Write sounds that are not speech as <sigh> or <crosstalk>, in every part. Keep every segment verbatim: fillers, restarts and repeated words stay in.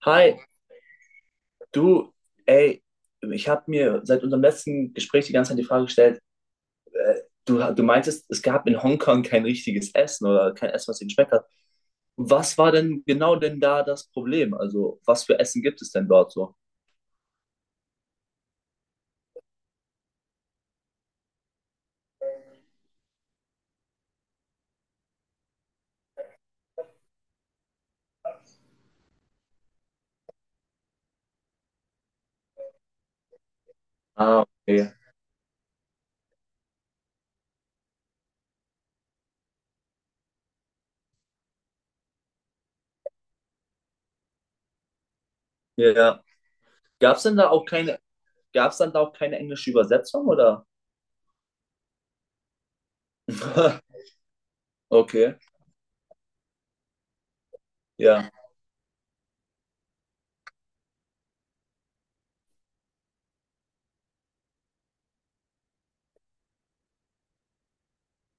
Hi, du, ey, ich habe mir seit unserem letzten Gespräch die ganze Zeit die Frage gestellt, äh, du, du meintest, es gab in Hongkong kein richtiges Essen oder kein Essen, was dir geschmeckt hat. Was war denn genau denn da das Problem? Also, was für Essen gibt es denn dort so? Ah, okay. Ja, ja. Gab denn da auch keine, Gab's dann da auch keine englische Übersetzung oder? <laughs> Okay, ja,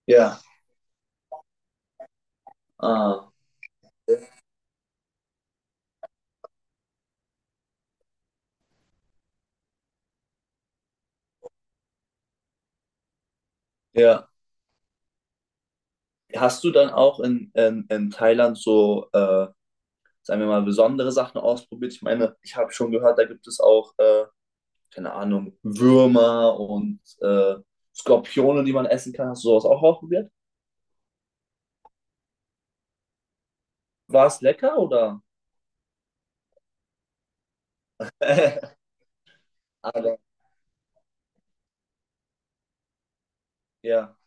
ja, ah, ja. Hast du dann auch in, in, in Thailand so äh, sagen wir mal, besondere Sachen ausprobiert. Ich meine, ich habe schon gehört, da gibt es auch, äh, keine Ahnung, Würmer und äh, Skorpione, die man essen kann. Hast du sowas auch ausprobiert? War es lecker oder? <laughs> Aber ja,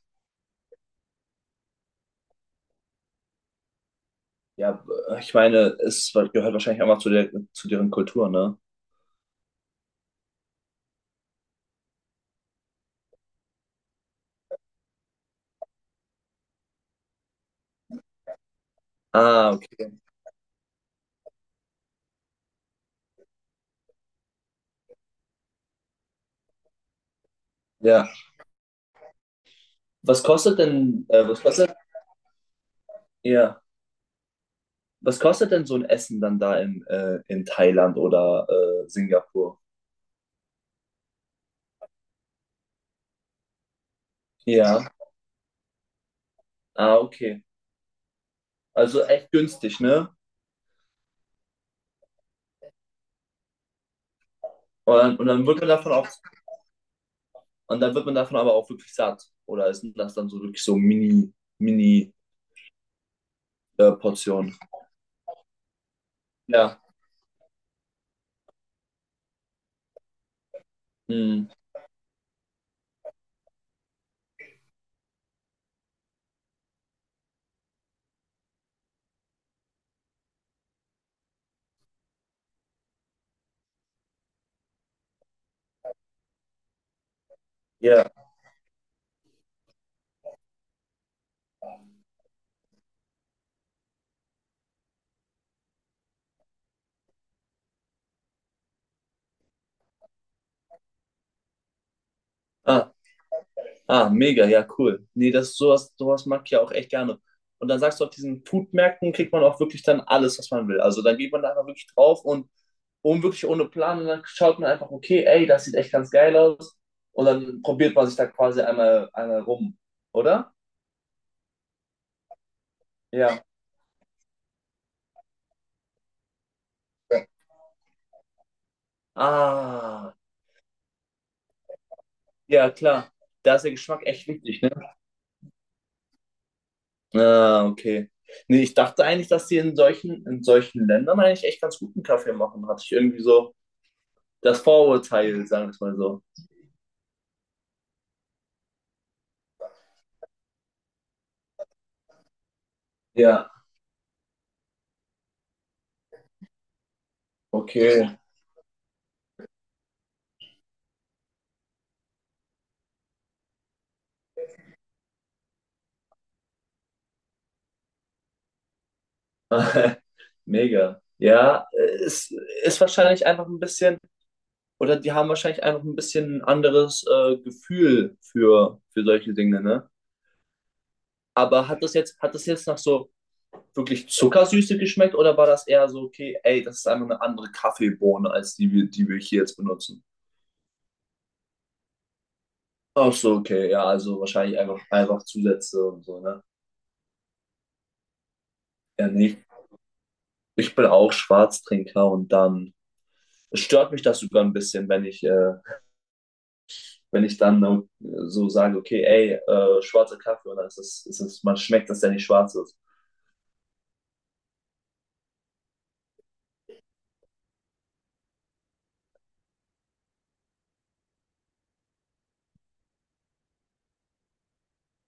ja, ich meine, es gehört wahrscheinlich einfach zu der, zu deren Kultur, ne? Ah, okay. Ja. Was kostet denn, äh, was kostet, ja, Was kostet denn so ein Essen dann da in, äh, in Thailand oder äh, Singapur? Ja. Ah, okay. Also echt günstig, ne? Und dann, und dann wird man davon auch, und dann wird man davon aber auch wirklich satt. Oder ist das dann so wirklich so Mini, Mini, äh, Portionen? Ja. Hm. Ja. Ah, ah, mega, ja, cool. Nee, das sowas, sowas mag ich ja auch echt gerne. Und dann sagst du, auf diesen Foodmärkten kriegt man auch wirklich dann alles, was man will. Also dann geht man da einfach wirklich drauf und, und wirklich ohne Plan und dann schaut man einfach, okay, ey, das sieht echt ganz geil aus. Und dann probiert man sich da quasi einmal, einmal rum, oder? Ja. Ah. Ja, klar. Da ist der Geschmack echt wichtig, ne? Ah, okay. Nee, ich dachte eigentlich, dass die in solchen, in solchen Ländern eigentlich echt ganz guten Kaffee machen. Hatte ich irgendwie so das Vorurteil, sagen wir es mal so. Ja, okay. <laughs> Mega. Ja, es ist wahrscheinlich einfach ein bisschen, oder die haben wahrscheinlich einfach ein bisschen ein anderes äh, Gefühl für, für solche Dinge, ne? Aber hat das jetzt, hat das jetzt nach so wirklich Zuckersüße geschmeckt oder war das eher so, okay, ey, das ist einfach eine andere Kaffeebohne als die, wir- die wir hier jetzt benutzen? Ach so, okay, ja, also wahrscheinlich einfach, einfach Zusätze und so, ne? Ja, nicht. Ich bin auch Schwarztrinker und dann es stört mich das sogar ein bisschen, wenn ich, äh, wenn ich dann äh, so sage, okay, ey, äh, schwarzer Kaffee und dann ist es, ist es, man schmeckt, dass der nicht schwarz ist.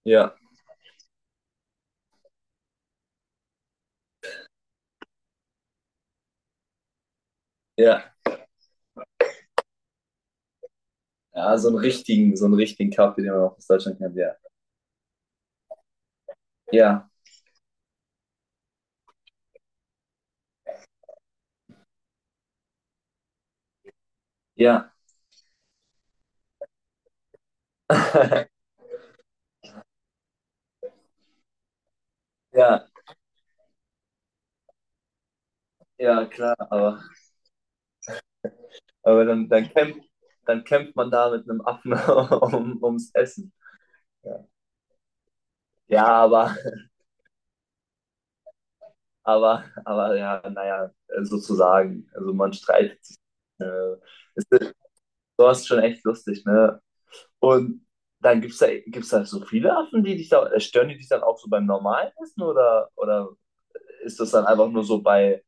Ja, ja, ja, so einen richtigen, so einen richtigen Kaffee, den man auch aus Deutschland kennt, ja. Ja, ja, <laughs> ja, ja, klar, aber. Aber dann, dann, kämpft, dann kämpft man da mit einem Affen <laughs> um, ums Essen. Ja, ja aber, aber, aber, ja, naja, sozusagen. Also man streitet sich. Äh, ist, Sowas schon echt lustig, ne? Und dann gibt es da, gibt's da so viele Affen, die dich da, äh, stören die dich dann auch so beim normalen Essen oder, oder ist das dann einfach nur so bei,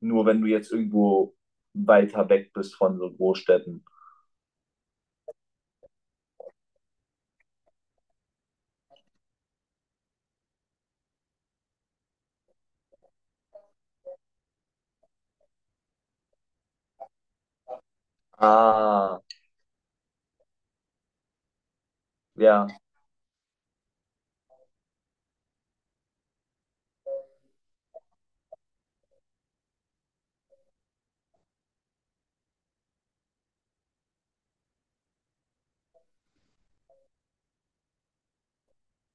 nur wenn du jetzt irgendwo weiter weg bist von so Großstädten? Ah, ja,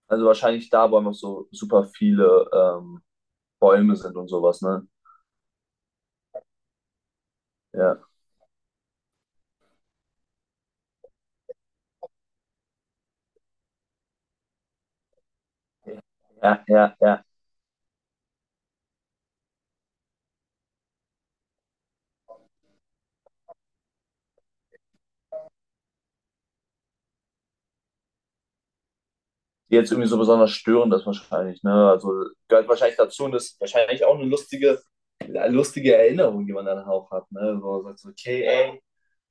also wahrscheinlich da, wo einfach so super viele ähm, Bäume sind und sowas, ne? Ja. Ja, ja, ja. Die jetzt irgendwie so besonders störend ist wahrscheinlich, ne? Also gehört wahrscheinlich dazu und ist wahrscheinlich auch eine lustige, lustige Erinnerung, die man dann auch hat, ne? Wo man sagt, so, okay, ey,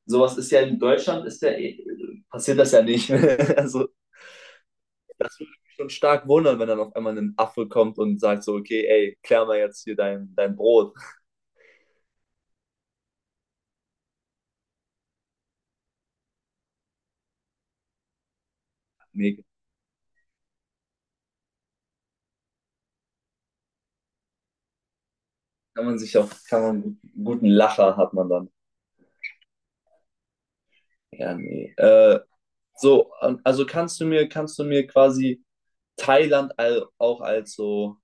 sowas ist ja in Deutschland, ist ja, eh- passiert das ja nicht. <laughs> Also schon stark wundern, wenn dann auf einmal ein Affe kommt und sagt so, okay, ey, klär mal jetzt hier dein, dein Brot. Nee, kann man sich auch, kann man, guten Lacher hat man dann. Ja, nee. Äh, so, ähm, also kannst du mir, kannst du mir quasi Thailand all, auch als so,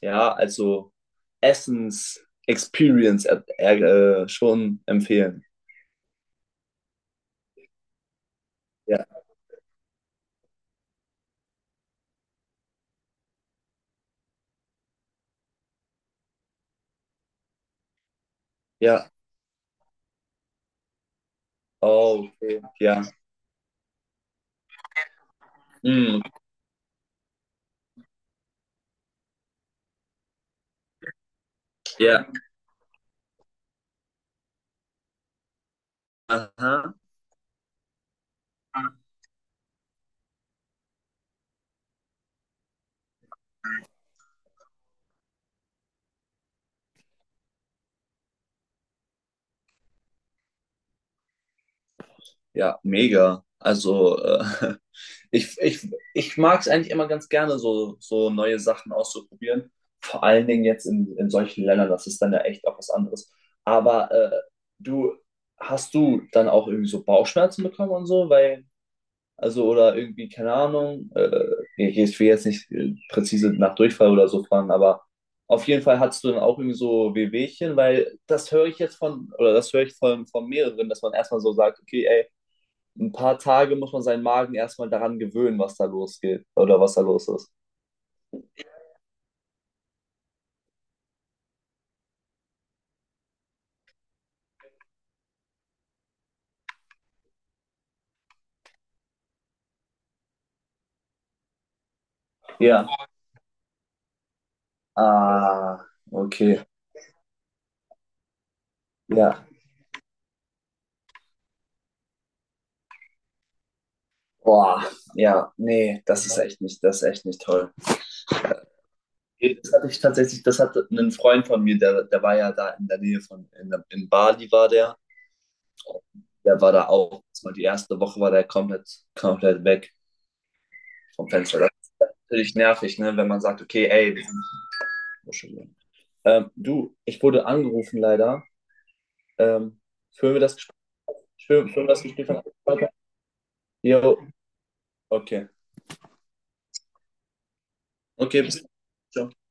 ja, als so Essens-Experience äh, äh, schon empfehlen? Ja, ja. Oh, okay. Ja. Mm, ja. Aha. Ja, mega. Also, äh, <laughs> Ich, ich, ich mag es eigentlich immer ganz gerne, so, so neue Sachen auszuprobieren. Vor allen Dingen jetzt in, in solchen Ländern, das ist dann ja echt auch was anderes. Aber äh, du, hast du dann auch irgendwie so Bauchschmerzen bekommen und so? Weil, also, oder irgendwie, keine Ahnung, äh, ich ich will jetzt nicht äh, präzise nach Durchfall oder so fragen, aber auf jeden Fall hattest du dann auch irgendwie so Wehwehchen, weil das höre ich jetzt von, oder das höre ich von, von mehreren, dass man erstmal so sagt, okay, ey, ein paar Tage muss man seinen Magen erstmal daran gewöhnen, was da losgeht oder was da los ist. Ja. Ah, okay. Ja. Boah, ja, nee, das ist echt nicht, das ist echt nicht toll. Hey, das hatte ich tatsächlich, das hatte einen Freund von mir, der, der war ja da in der Nähe von, in, der- in Bali war der. Der war da auch, das war die erste Woche war der komplett, komplett weg vom Fenster. Das ist natürlich nervig, ne, wenn man sagt, okay, ey, wir sind- Entschuldigung. ähm, du, ich wurde angerufen leider. Ähm, Führen wir das Für schön dass du gespielt hast. Jo, okay. Okay, bis dann. Ciao.